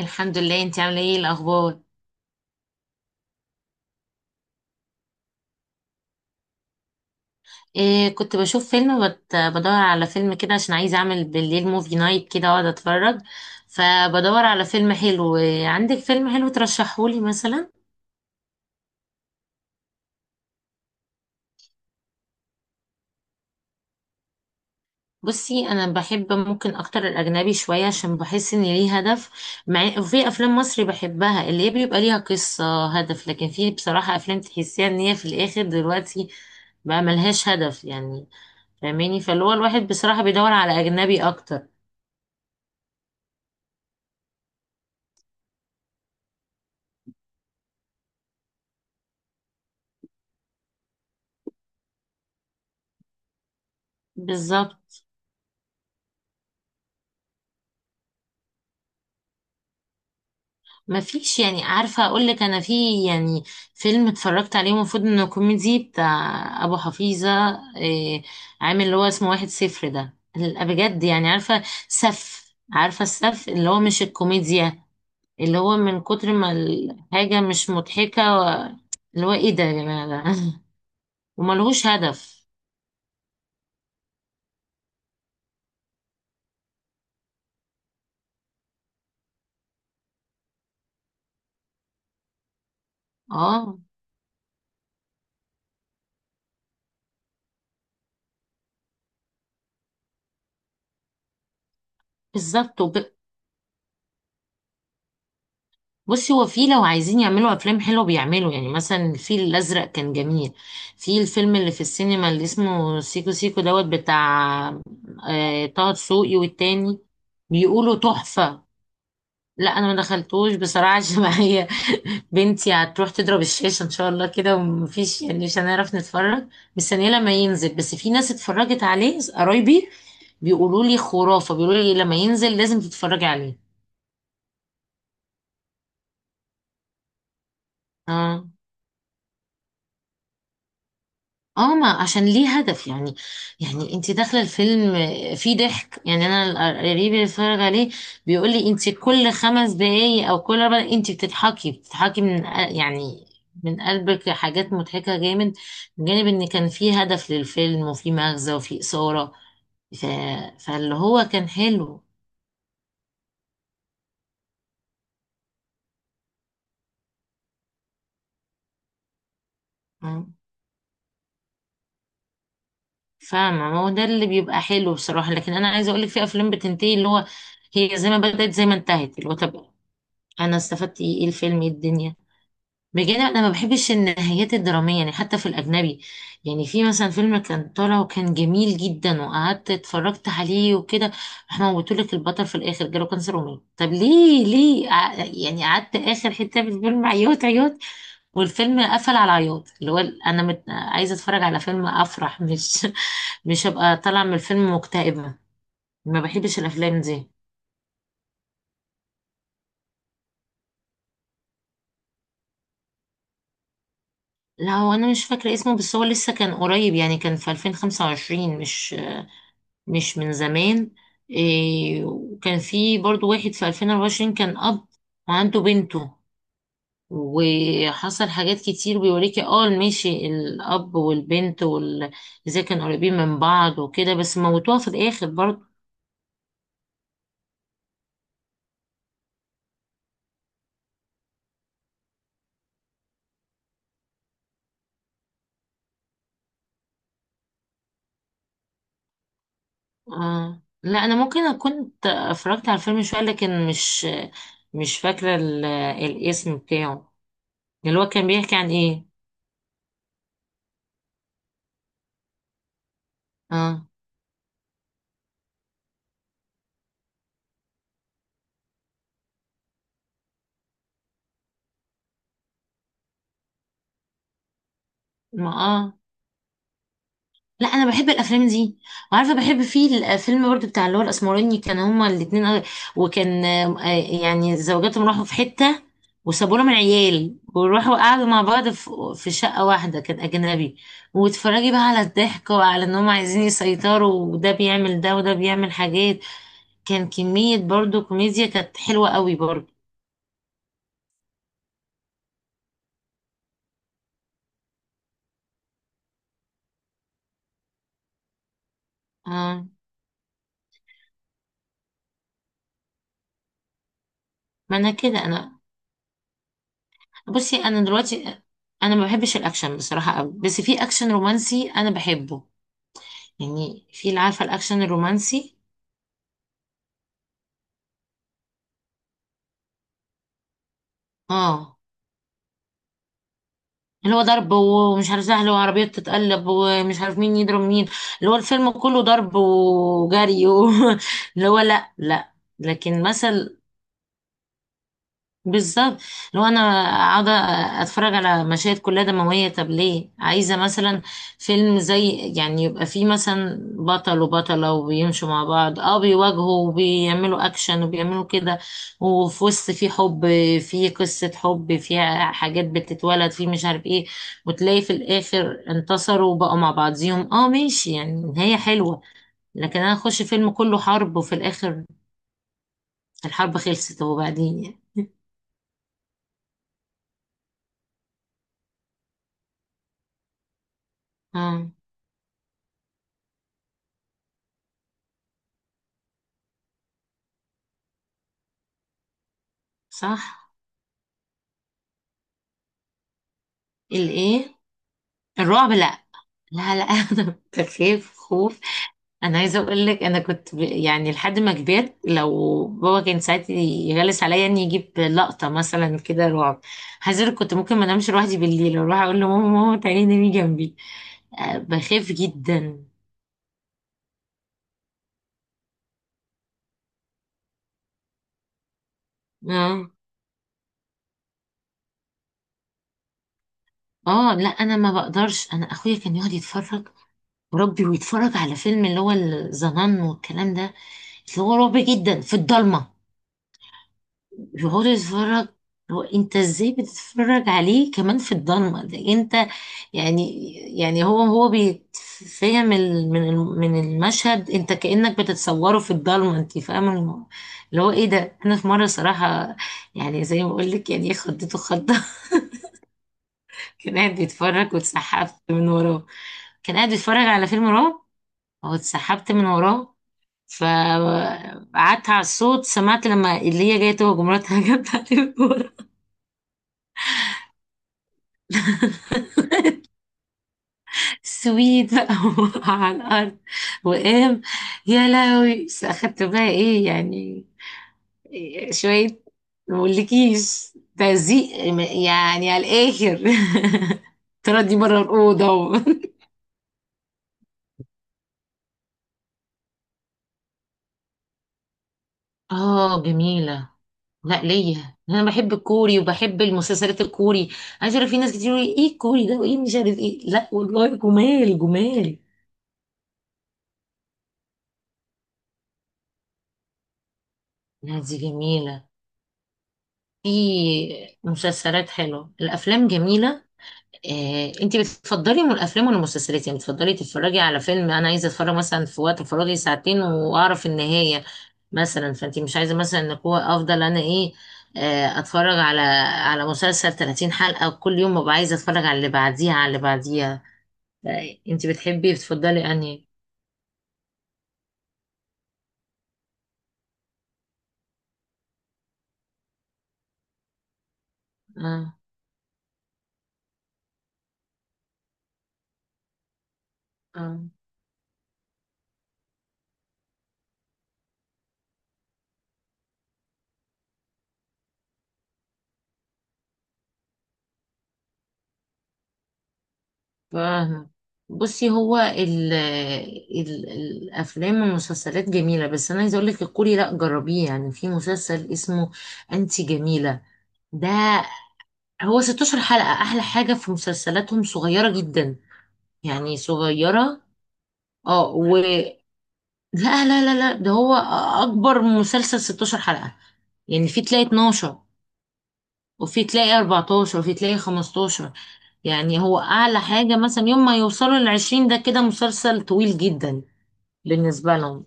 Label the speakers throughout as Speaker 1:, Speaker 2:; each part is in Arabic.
Speaker 1: الحمد لله، انت عامله ايه الاخبار؟ إيه، كنت بشوف فيلم بدور على فيلم كده عشان عايزه اعمل بالليل موفي نايت كده واقعد اتفرج. فبدور على فيلم حلو. إيه، عندك فيلم حلو ترشحهولي مثلا؟ بصي، انا بحب ممكن اكتر الاجنبي شويه عشان بحس ان ليه هدف. مع وفي افلام مصري بحبها، اللي هي بيبقى ليها قصه هدف، لكن في بصراحه افلام تحسيها ان هي في الاخر دلوقتي بقى ملهاش هدف يعني. فاهماني؟ فاللي هو الواحد بصراحه بيدور على اجنبي اكتر. بالظبط. ما فيش يعني، عارفة اقول لك انا في يعني فيلم اتفرجت عليه المفروض انه كوميدي بتاع ابو حفيظة. إيه، عامل اللي هو اسمه واحد صفر ده بجد يعني، عارفة عارفة السف اللي هو مش الكوميديا، اللي هو من كتر ما الحاجة مش مضحكة اللي هو ايه ده يا جماعة ده؟ وملهوش هدف. اه، بالظبط. بصي، هو في لو عايزين يعملوا افلام حلوه بيعملوا، يعني مثلا الفيل الازرق كان جميل. في الفيلم اللي في السينما اللي اسمه سيكو سيكو دوت بتاع، آه، طه دسوقي والتاني. بيقولوا تحفه. لا، انا ما دخلتوش بصراحه عشان معايا بنتي هتروح تضرب الشاشه ان شاء الله كده، ومفيش يعني مش هنعرف نتفرج. مستنيه لما ينزل، بس في ناس اتفرجت عليه، قرايبي بيقولوا لي خرافه، بيقولوا لي لما ينزل لازم تتفرجي عليه. اه. اه، ما عشان ليه هدف يعني. يعني انت داخله الفيلم فيه ضحك. يعني انا قريبي اللي اتفرج عليه بيقول لي انت كل خمس دقايق او كل اربع دقايق انت بتضحكي، يعني من قلبك، حاجات مضحكه جامد، من جانب ان كان فيه هدف للفيلم وفيه مغزى وفيه اثاره. ف... فاللي هو كان حلو. مم. فاهمه، ما هو ده اللي بيبقى حلو بصراحه. لكن انا عايزه اقول لك في افلام بتنتهي اللي هو هي زي ما بدأت زي ما انتهت، اللي هو طب انا استفدت ايه؟ إيه الفيلم؟ إيه الدنيا؟ بجد، انا ما بحبش النهايات الدراميه يعني، حتى في الاجنبي. يعني في مثلا فيلم كان طالع وكان جميل جدا وقعدت اتفرجت عليه وكده، احنا موتولك البطل في الاخر جاله كانسر ومات. طب ليه؟ ليه؟ يعني قعدت اخر حته في الفيلم عياط عياط، والفيلم قفل على عياط، اللي هو عايزه اتفرج على فيلم افرح مش مش هبقى طالعه من الفيلم مكتئبه. ما بحبش الافلام دي. لا، هو انا مش فاكره اسمه، بس هو لسه كان قريب يعني، كان في 2025، مش مش من زمان. إيه، وكان في برضو واحد في 2024، كان أب وعنده بنته وحصل حاجات كتير بيوريكي. اه ماشي، الأب والبنت ازاي كانوا قريبين من بعض وكده، بس موتوها في الآخر برضو. آه. لا، أنا ممكن أكون اتفرجت على الفيلم شوية، لكن مش مش فاكرة الاسم بتاعه. اللي هو كان بيحكي عن ايه؟ اه. ما اه، لا انا بحب الافلام دي. وعارفه بحب فيه الفيلم برضو بتاع اللي هو الاسمراني، كان هما الاتنين، وكان آه، يعني زوجاتهم راحوا في حته وسابوا لهم العيال، وراحوا قعدوا مع بعض في في شقه واحده كان اجنبي. واتفرجي بقى على الضحك وعلى ان هما عايزين يسيطروا، وده بيعمل ده وده بيعمل حاجات، كان كميه برضو كوميديا كانت حلوه قوي برضو. اه. ما انا كده انا، بصي انا دلوقتي انا ما بحبش الاكشن بصراحه قوي، بس في اكشن رومانسي انا بحبه. يعني في اللي عارفه الاكشن الرومانسي، اه، اللي هو ضرب ومش عارف سهل وعربيه بتتقلب ومش عارف مين يضرب مين، اللي هو الفيلم كله ضرب وجري اللي هو لا، لا. لكن مثل، بالظبط. لو انا قاعده اتفرج على مشاهد كلها دمويه، طب ليه؟ عايزه مثلا فيلم زي، يعني يبقى فيه مثلا بطل وبطله وبيمشوا مع بعض، اه، بيواجهوا وبيعملوا اكشن وبيعملوا كده، وفي وسط في حب، في قصه حب فيها حاجات بتتولد في مش عارف ايه، وتلاقي في الاخر انتصروا وبقوا مع بعضيهم، اه ماشي، يعني نهايه حلوه. لكن انا اخش فيلم كله حرب، وفي الاخر الحرب خلصت وبعدين يعني. اه. صح. الايه؟ الرعب؟ لا، لا، لا. انا كنت بخاف خوف. انا عايزه اقول لك انا يعني لحد ما كبرت، لو بابا كان ساعات يغلس عليا اني يجيب لقطه مثلا كده رعب، عايزه اقول لك كنت ممكن ما انامش لوحدي بالليل، اروح اقول لماما ماما تعالي نامي جنبي. أه، بخاف جدا. اه. اه، لا انا ما بقدرش. انا اخويا كان يقعد يتفرج، وربي، ويتفرج على فيلم اللي هو الظنن والكلام ده، اللي هو رعب جدا في الضلمه، يقعد يتفرج. هو انت ازاي بتتفرج عليه كمان في الضلمه ده؟ انت يعني، يعني هو بيتفهم من المشهد. انت كانك بتتصوره في الضلمه، انت فاهمه اللي هو ايه ده؟ انا في مره صراحه، يعني زي ما بقول لك يعني خضته خضه. كان قاعد بيتفرج واتسحبت من وراه. كان قاعد بيتفرج على فيلم رعب واتسحبت من وراه، فقعدت على الصوت، سمعت لما اللي هي جايه تهجم مراتها، جت عليه من ورا. سويت بقى وقع على الأرض وقام يا لهوي. بس أخدت بقى إيه يعني؟ إيه شوية، مقولكيش تزيق يعني على الآخر. تردي بره الأوضة. اه، جميلة. لا، ليا انا بحب الكوري وبحب المسلسلات الكوري. عايزه اعرف، في ناس كتير يقولوا ايه الكوري ده وايه مش عارف ايه. لا والله، جمال جمال. لا، دي جميلة. في مسلسلات حلوة، الافلام جميلة. آه، انت بتفضلي من الافلام ولا المسلسلات؟ يعني بتفضلي تتفرجي على فيلم، انا عايزه اتفرج مثلا في وقت فراغي ساعتين واعرف النهايه مثلا، فانت مش عايزه مثلا ان هو افضل انا ايه، آه، اتفرج على على مسلسل 30 حلقه وكل يوم ببقى عايزه اتفرج على اللي بعديها على اللي بعديها؟ انت بتحبي بتفضلي انهي؟ اه. اه. فاهمة. بصي هو ال الافلام والمسلسلات جميله، بس انا عايزه اقول لك الكوري لا، جربيه. يعني في مسلسل اسمه انتي جميله ده، هو 16 حلقه. احلى حاجه في مسلسلاتهم صغيره جدا، يعني صغيره. اه. و لا لا لا لا، ده هو اكبر مسلسل 16 حلقه. يعني في تلاقي 12، وفي تلاقي 14، وفي تلاقي 15. يعني هو اعلى حاجه مثلا يوم ما يوصلوا ل 20، ده كده مسلسل طويل جدا بالنسبة لهم.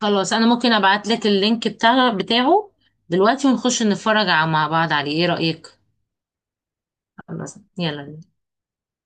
Speaker 1: خلاص، انا ممكن ابعت لك اللينك بتاع بتاعه دلوقتي، ونخش نتفرج مع بعض عليه، ايه رأيك؟ خلاص، يلا.